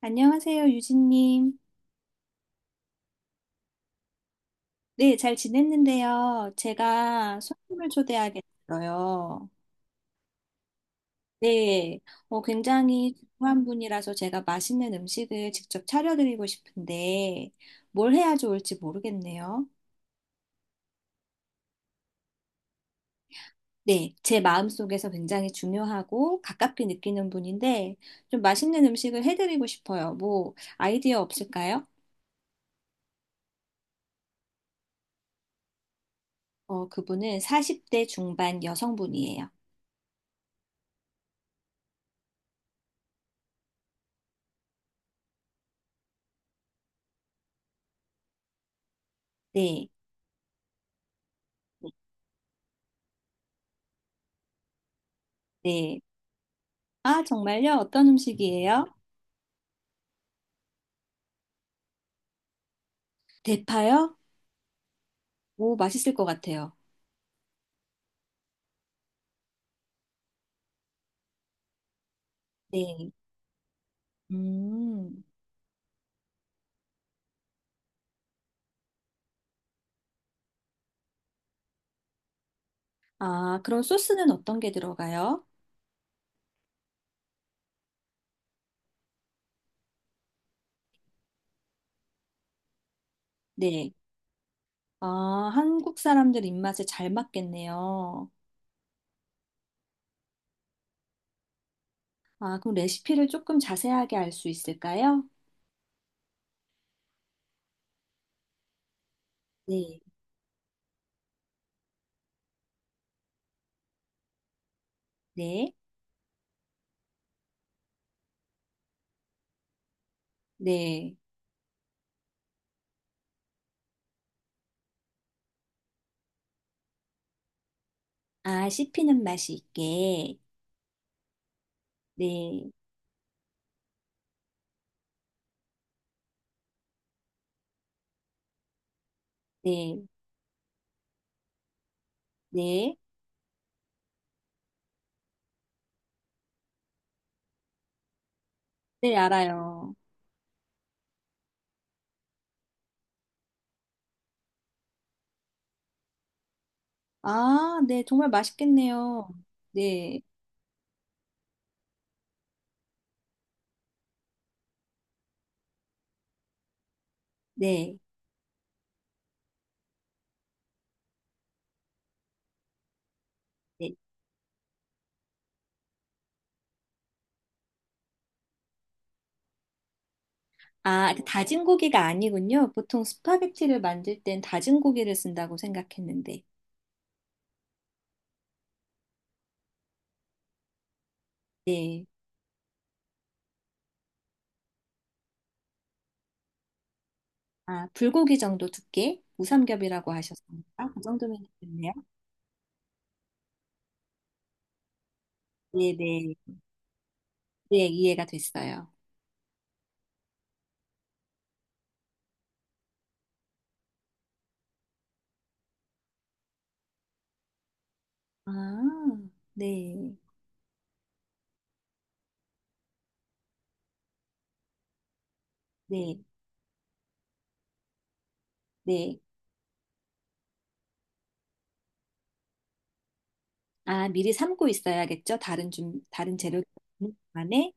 안녕하세요, 유진님. 네, 잘 지냈는데요. 제가 손님을 초대하겠어요. 네, 굉장히 중요한 분이라서 제가 맛있는 음식을 직접 차려드리고 싶은데 뭘 해야 좋을지 모르겠네요. 네, 제 마음속에서 굉장히 중요하고 가깝게 느끼는 분인데 좀 맛있는 음식을 해드리고 싶어요. 뭐 아이디어 없을까요? 그분은 40대 중반 여성분이에요. 네, 네. 아, 정말요? 어떤 음식이에요? 대파요? 오, 맛있을 것 같아요. 네. 음. 아, 그럼 소스는 어떤 게 들어가요? 네. 아, 한국 사람들 입맛에 잘 맞겠네요. 아, 그럼 레시피를 조금 자세하게 알 수 있을까요? 네. 네. 네. 아, 씹히는 맛이 있게. 네. 네. 네. 네, 알아요. 아, 네. 정말 맛있겠네요. 네. 네. 네. 아, 그 다진 고기가 아니군요. 보통 스파게티를 만들 땐 다진 고기를 쓴다고 생각했는데. 네. 아, 불고기 정도 두께? 무삼겹이라고 하셨습니까? 그 정도면 됐네요. 네네. 네, 네, 이해가 됐어요. 아, 네. 네. 네. 아, 미리 삶고 있어야겠죠? 다른 좀, 다른 재료 안에?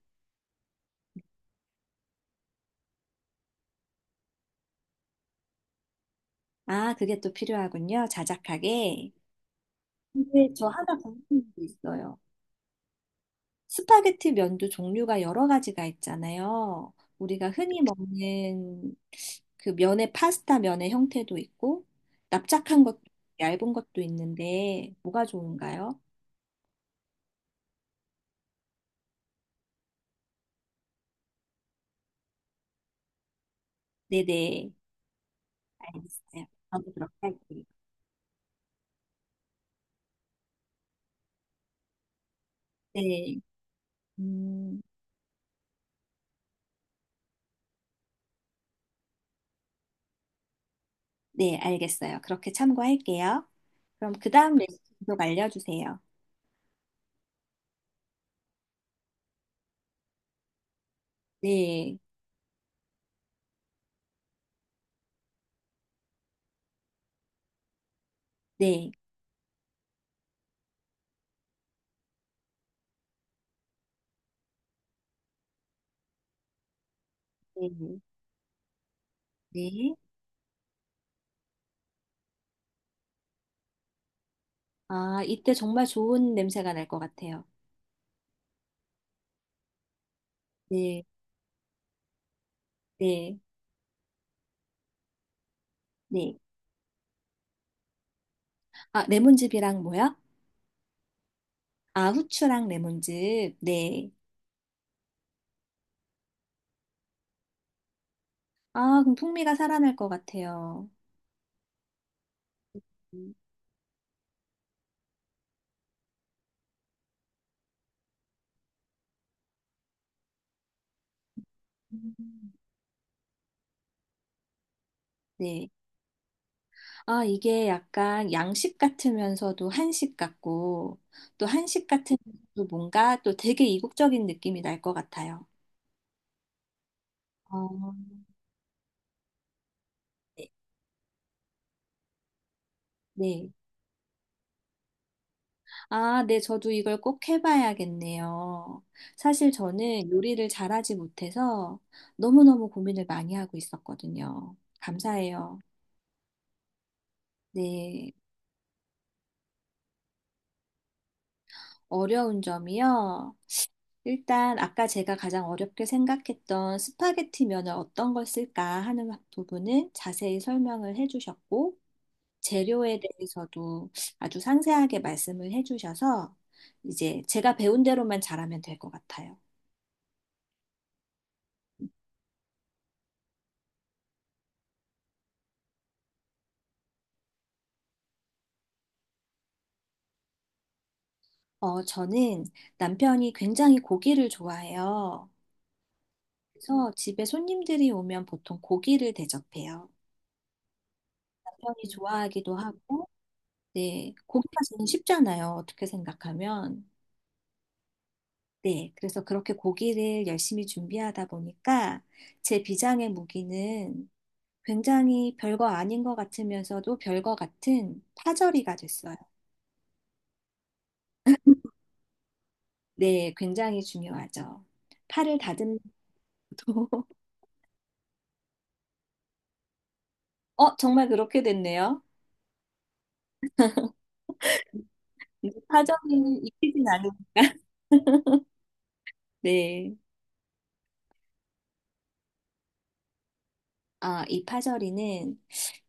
아, 그게 또 필요하군요. 자작하게. 근데 저 하나 궁금한 게 있어요. 스파게티 면도 종류가 여러 가지가 있잖아요. 우리가 흔히 먹는 그 면의 파스타 면의 형태도 있고 납작한 것도 있고 얇은 것도 있는데 뭐가 좋은가요? 네네. 알겠어요. 저도 그렇게 할게요. 네, 음, 네, 알겠어요. 그렇게 참고할게요. 그럼 그 다음 레시피속 알려주세요. 네, 네, 네, 네. 아, 이때 정말 좋은 냄새가 날 것 같아요. 네, 네, 네. 아, 레몬즙이랑 뭐야? 아, 후추랑 레몬즙. 네. 아, 그럼 풍미가 살아날 것 같아요. 음. 네. 아, 이게 약간 양식 같으면서도 한식 같고, 또 한식 같으면서도 뭔가 또 되게 이국적인 느낌이 날 것 같아요. 어, 네. 네. 아, 네. 저도 이걸 꼭 해봐야겠네요. 사실 저는 요리를 잘하지 못해서 너무너무 고민을 많이 하고 있었거든요. 감사해요. 네. 어려운 점이요. 일단 아까 제가 가장 어렵게 생각했던 스파게티 면을 어떤 걸 쓸까 하는 부분을 자세히 설명을 해주셨고 재료에 대해서도 아주 상세하게 말씀을 해주셔서 이제 제가 배운 대로만 잘하면 될 것 같아요. 저는 남편이 굉장히 고기를 좋아해요. 그래서 집에 손님들이 오면 보통 고기를 대접해요. 남편이 좋아하기도 하고, 네, 고기가 제일 쉽잖아요. 어떻게 생각하면. 네, 그래서 그렇게 고기를 열심히 준비하다 보니까 제 비장의 무기는 굉장히 별거 아닌 것 같으면서도 별거 같은 파절이가 됐어요. 네, 굉장히 중요하죠. 파를 다듬는 것도, 정말 그렇게 됐네요. 근데 파절이는 익히진 않으니까. 네. 아, 이 파절이는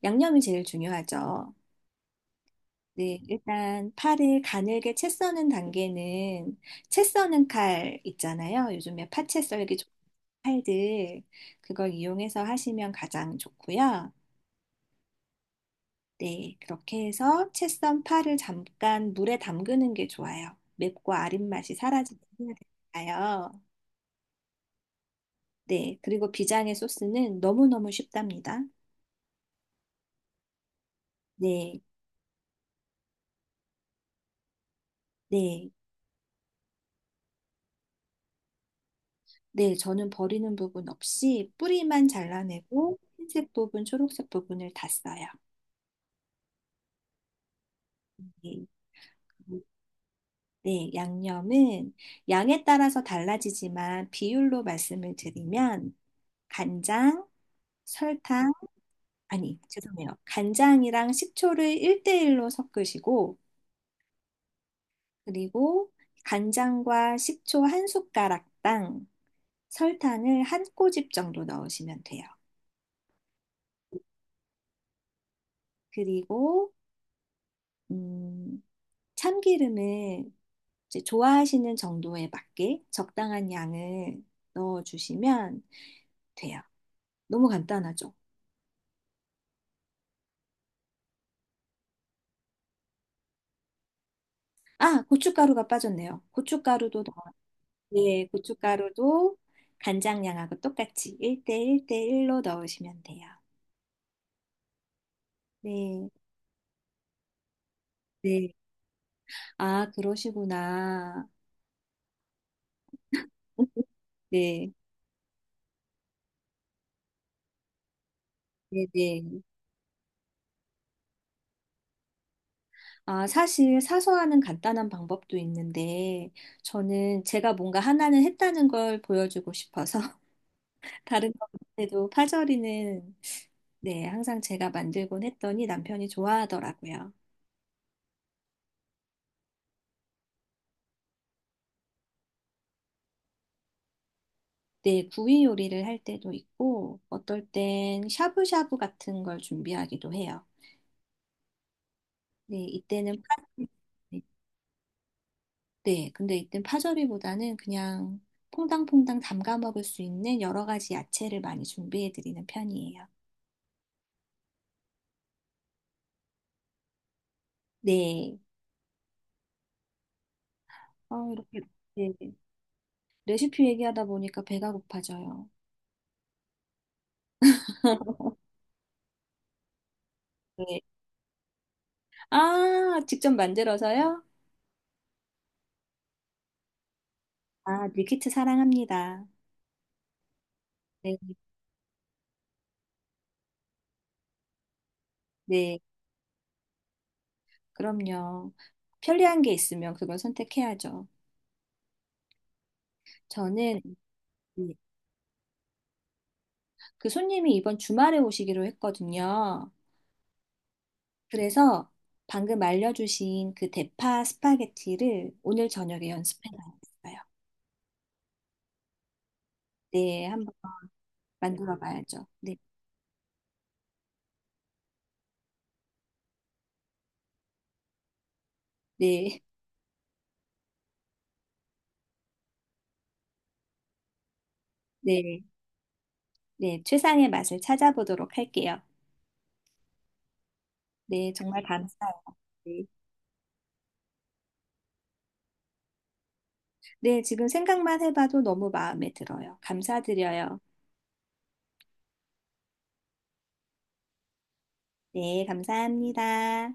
양념이 제일 중요하죠. 네, 일단 팔을 가늘게 채 써는 단계는 채 써는 칼 있잖아요. 요즘에 파채 썰기 좋은 칼들 그걸 이용해서 하시면 가장 좋고요. 네, 그렇게 해서 채 썬 파를 잠깐 물에 담그는 게 좋아요. 맵고 아린 맛이 사라지게 해야 되니까요. 네, 그리고 비장의 소스는 너무너무 쉽답니다. 네, 네, 네, 저는 버리는 부분 없이 뿌리만 잘라내고 흰색 부분, 초록색 부분을 다 써요. 네, 그, 네, 양념은 양에 따라서 달라지지만 비율로 말씀을 드리면 간장, 설탕, 아니, 죄송해요. 간장이랑 식초를 1대1로 섞으시고, 그리고 간장과 식초 한 숟가락당 설탕을 한 꼬집 정도 넣으시면 돼요. 그리고, 음, 참기름을 이제 좋아하시는 정도에 맞게 적당한 양을 넣어주시면 돼요. 너무 간단하죠. 아, 고춧가루가 빠졌네요. 고춧가루도 넣어. 네, 고춧가루도 간장량하고 똑같이 1대1대1로 넣으시면 돼요. 네, 네. 아, 그러시구나. 네, 네, 네. 아, 사실 사소하는 간단한 방법도 있는데, 저는 제가 뭔가 하나는 했다는 걸 보여주고 싶어서, 다른 것에도 파절이는, 네, 항상 제가 만들곤 했더니 남편이 좋아하더라고요. 네, 구이 요리를 할 때도 있고, 어떨 땐 샤브샤브 같은 걸 준비하기도 해요. 네, 이때는 파, 네, 네, 근데 이땐 파절이보다는 그냥 퐁당퐁당 담가 먹을 수 있는 여러 가지 야채를 많이 준비해 드리는 편이에요. 네. 이렇게 네. 레시피 얘기하다 보니까 배가 고파져요. 네. 아, 직접 만들어서요? 아, 밀키트 사랑합니다. 네, 네, 그럼요. 편리한 게 있으면 그걸 선택해야죠. 저는 그 손님이 이번 주말에 오시기로 했거든요. 그래서 방금 알려주신 그 대파 스파게티를 오늘 저녁에 연습해 놨어요. 네, 한번 만들어 봐야죠. 네, 네, 네, 네. 최상의 맛을 찾아보도록 할게요. 네, 정말 감사해요. 네, 네, 지금 생각만 해봐도 너무 마음에 들어요. 감사드려요. 네, 감사합니다.